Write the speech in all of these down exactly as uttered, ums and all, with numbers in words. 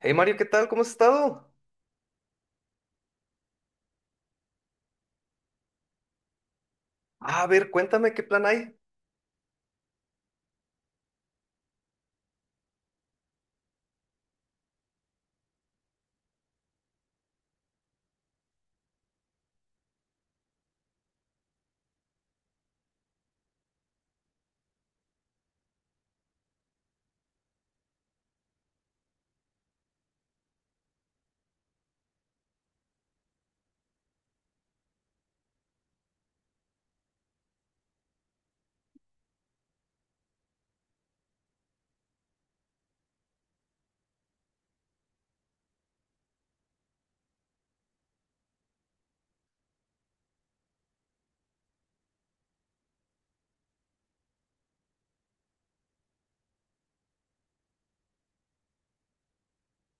Hey Mario, ¿qué tal? ¿Cómo has estado? Ah, A ver, cuéntame qué plan hay.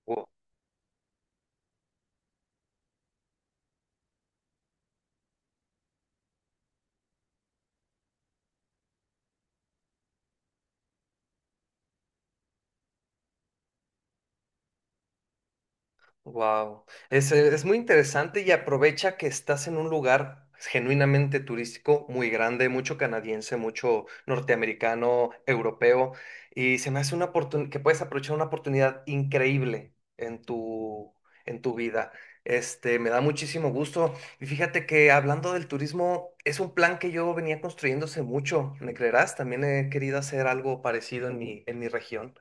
O, wow, es, eh, es muy interesante y aprovecha que estás en un lugar genuinamente turístico muy grande, mucho canadiense, mucho norteamericano, europeo, y se me hace una oportunidad que puedes aprovechar una oportunidad increíble en tu, en tu vida. Este, me da muchísimo gusto. Y fíjate que hablando del turismo, es un plan que yo venía construyéndose mucho, ¿me creerás? También he querido hacer algo parecido en mi, en mi región.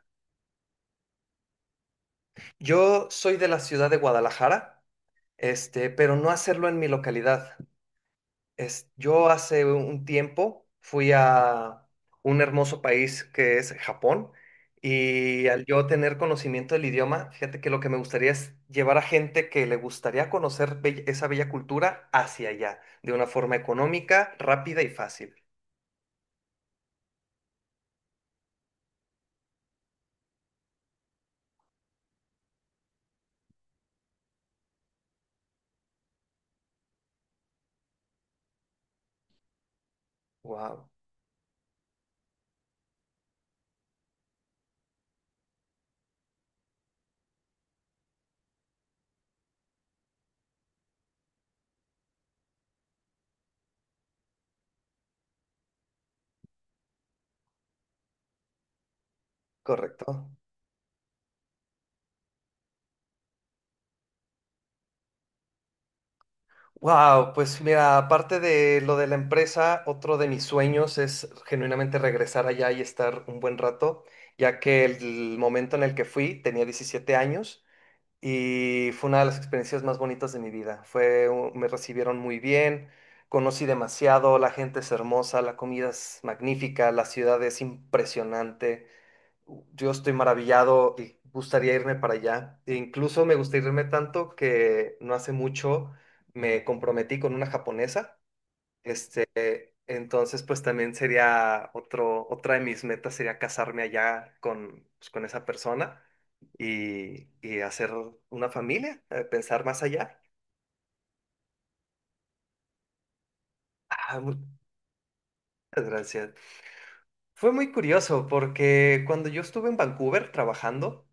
Yo soy de la ciudad de Guadalajara, este, pero no hacerlo en mi localidad. Es, yo hace un tiempo fui a un hermoso país que es Japón y al yo tener conocimiento del idioma, fíjate que lo que me gustaría es llevar a gente que le gustaría conocer bell- esa bella cultura hacia allá, de una forma económica, rápida y fácil. Wow, correcto. Wow, pues mira, aparte de lo de la empresa, otro de mis sueños es genuinamente regresar allá y estar un buen rato, ya que el momento en el que fui tenía diecisiete años y fue una de las experiencias más bonitas de mi vida. Fue, un- me recibieron muy bien, conocí demasiado, la gente es hermosa, la comida es magnífica, la ciudad es impresionante. Yo estoy maravillado y gustaría irme para allá. E incluso me gusta irme tanto que no hace mucho me comprometí con una japonesa. Este, entonces, pues también sería otro, otra de mis metas, sería casarme allá con, pues, con esa persona y, y hacer una familia, eh, pensar más allá. Ah, muchas gracias. Fue muy curioso porque cuando yo estuve en Vancouver trabajando,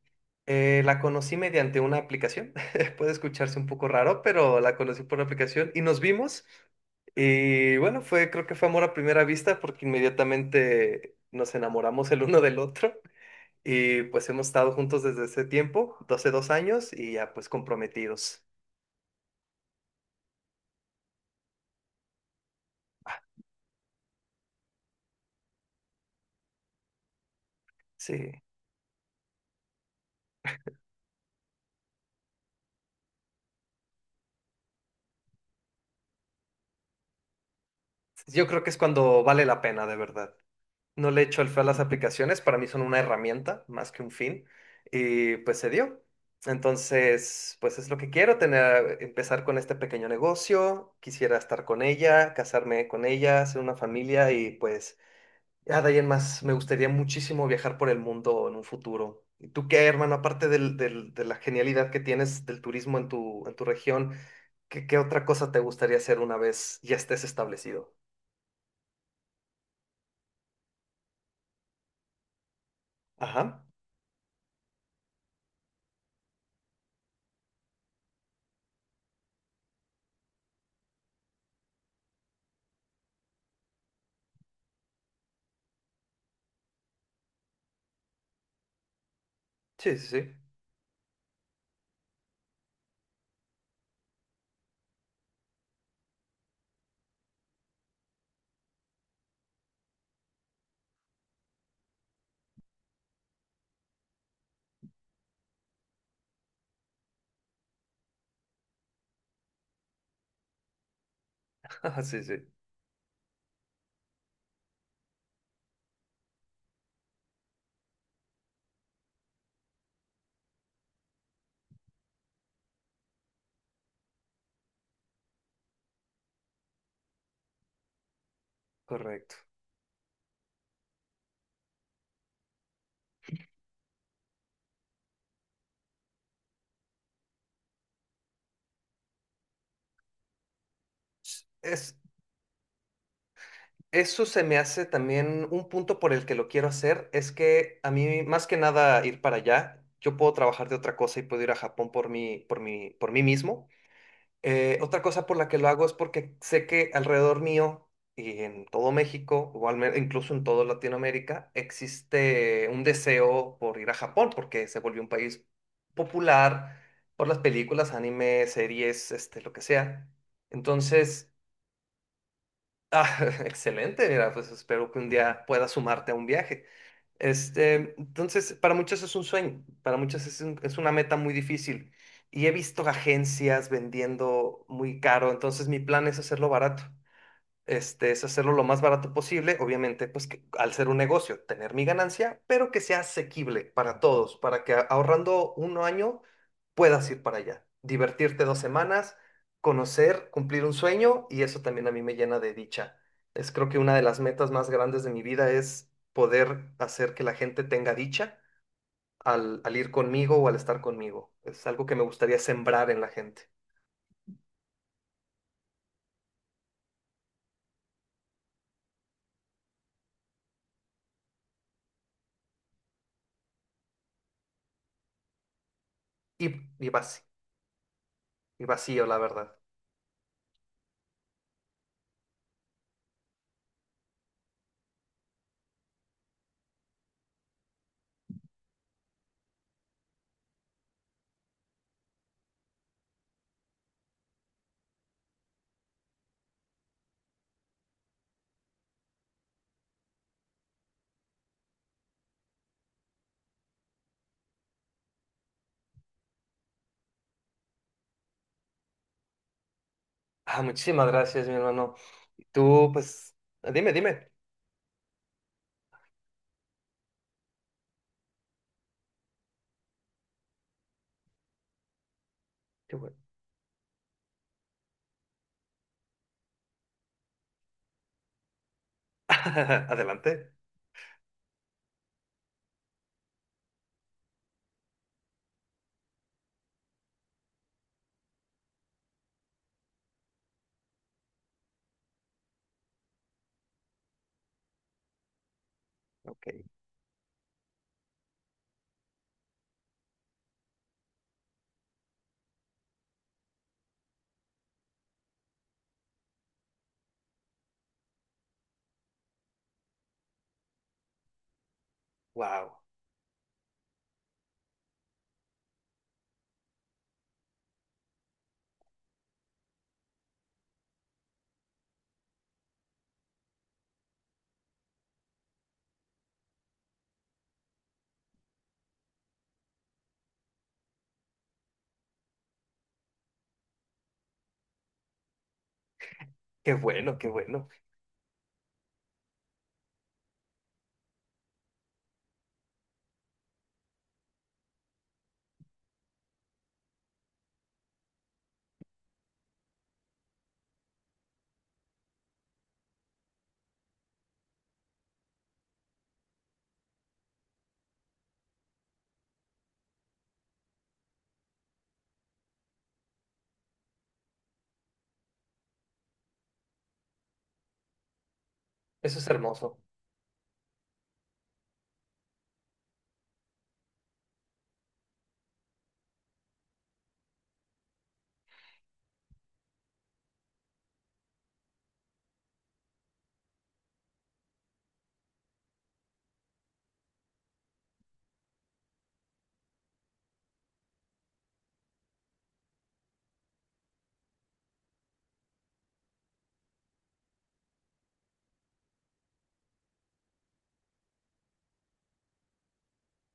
eh, la conocí mediante una aplicación. Puede escucharse un poco raro, pero la conocí por una aplicación y nos vimos. Y bueno, fue, creo que fue amor a primera vista porque inmediatamente nos enamoramos el uno del otro y pues hemos estado juntos desde ese tiempo, doce dos años, y ya, pues, comprometidos. Sí, yo creo que es cuando vale la pena de verdad. No le echo el feo a las aplicaciones, para mí son una herramienta más que un fin, y pues se dio. Entonces, pues es lo que quiero, tener, empezar con este pequeño negocio, quisiera estar con ella, casarme con ella, hacer una familia y pues ya de ahí en más, me gustaría muchísimo viajar por el mundo en un futuro. ¿Y tú qué, hermano, aparte del- del- de la genialidad que tienes del turismo en tu, en tu región, qué, qué otra cosa te gustaría hacer una vez ya estés establecido? Ajá, sí, sí, sí. Ajá, sí, sí, correcto. Es, eso se me hace también un punto por el que lo quiero hacer, es que a mí más que nada ir para allá, yo puedo trabajar de otra cosa y puedo ir a Japón por mí, por mí, por mí mismo. Eh, otra cosa por la que lo hago es porque sé que alrededor mío y en todo México, o al menos incluso en toda Latinoamérica, existe un deseo por ir a Japón porque se volvió un país popular por las películas, anime, series, este, lo que sea. Entonces… Ah, excelente, mira, pues espero que un día puedas sumarte a un viaje. Este, entonces, para muchos es un sueño, para muchos es un- es una meta muy difícil. Y he visto agencias vendiendo muy caro, entonces mi plan es hacerlo barato. Este, es hacerlo lo más barato posible, obviamente, pues que, al ser un negocio, tener mi ganancia, pero que sea asequible para todos, para que a- ahorrando un año puedas ir para allá, divertirte dos semanas, conocer, cumplir un sueño y eso también a mí me llena de dicha. Es, creo que una de las metas más grandes de mi vida es poder hacer que la gente tenga dicha al, al ir conmigo o al estar conmigo. Es algo que me gustaría sembrar en la gente. Y, y vac- y vacío, la verdad. Ah, muchísimas gracias, mi hermano. Y tú, pues, dime, dime. Qué bueno. Adelante. Ok. Wow. Qué bueno, qué bueno. Eso es hermoso.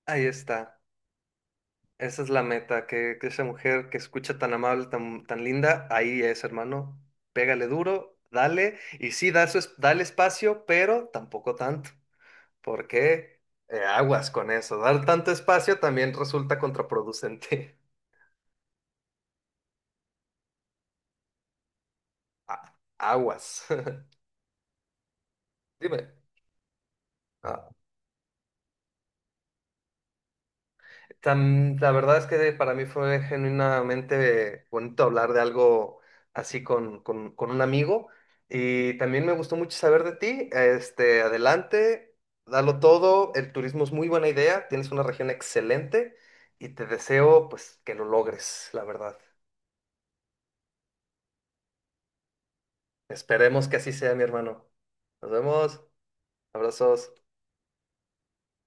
Ahí está. Esa es la meta, que, que esa mujer que escucha tan amable, tan, tan linda, ahí es, hermano. Pégale duro, dale. Y sí, da su es- dale espacio, pero tampoco tanto. Porque eh, aguas con eso. Dar tanto espacio también resulta contraproducente. A- aguas. Dime. Tam- la verdad es que para mí fue genuinamente bonito hablar de algo así con, con, con un amigo y también me gustó mucho saber de ti. Este, adelante, dalo todo, el turismo es muy buena idea, tienes una región excelente y te deseo, pues, que lo logres, la verdad. Esperemos que así sea, mi hermano. Nos vemos, abrazos.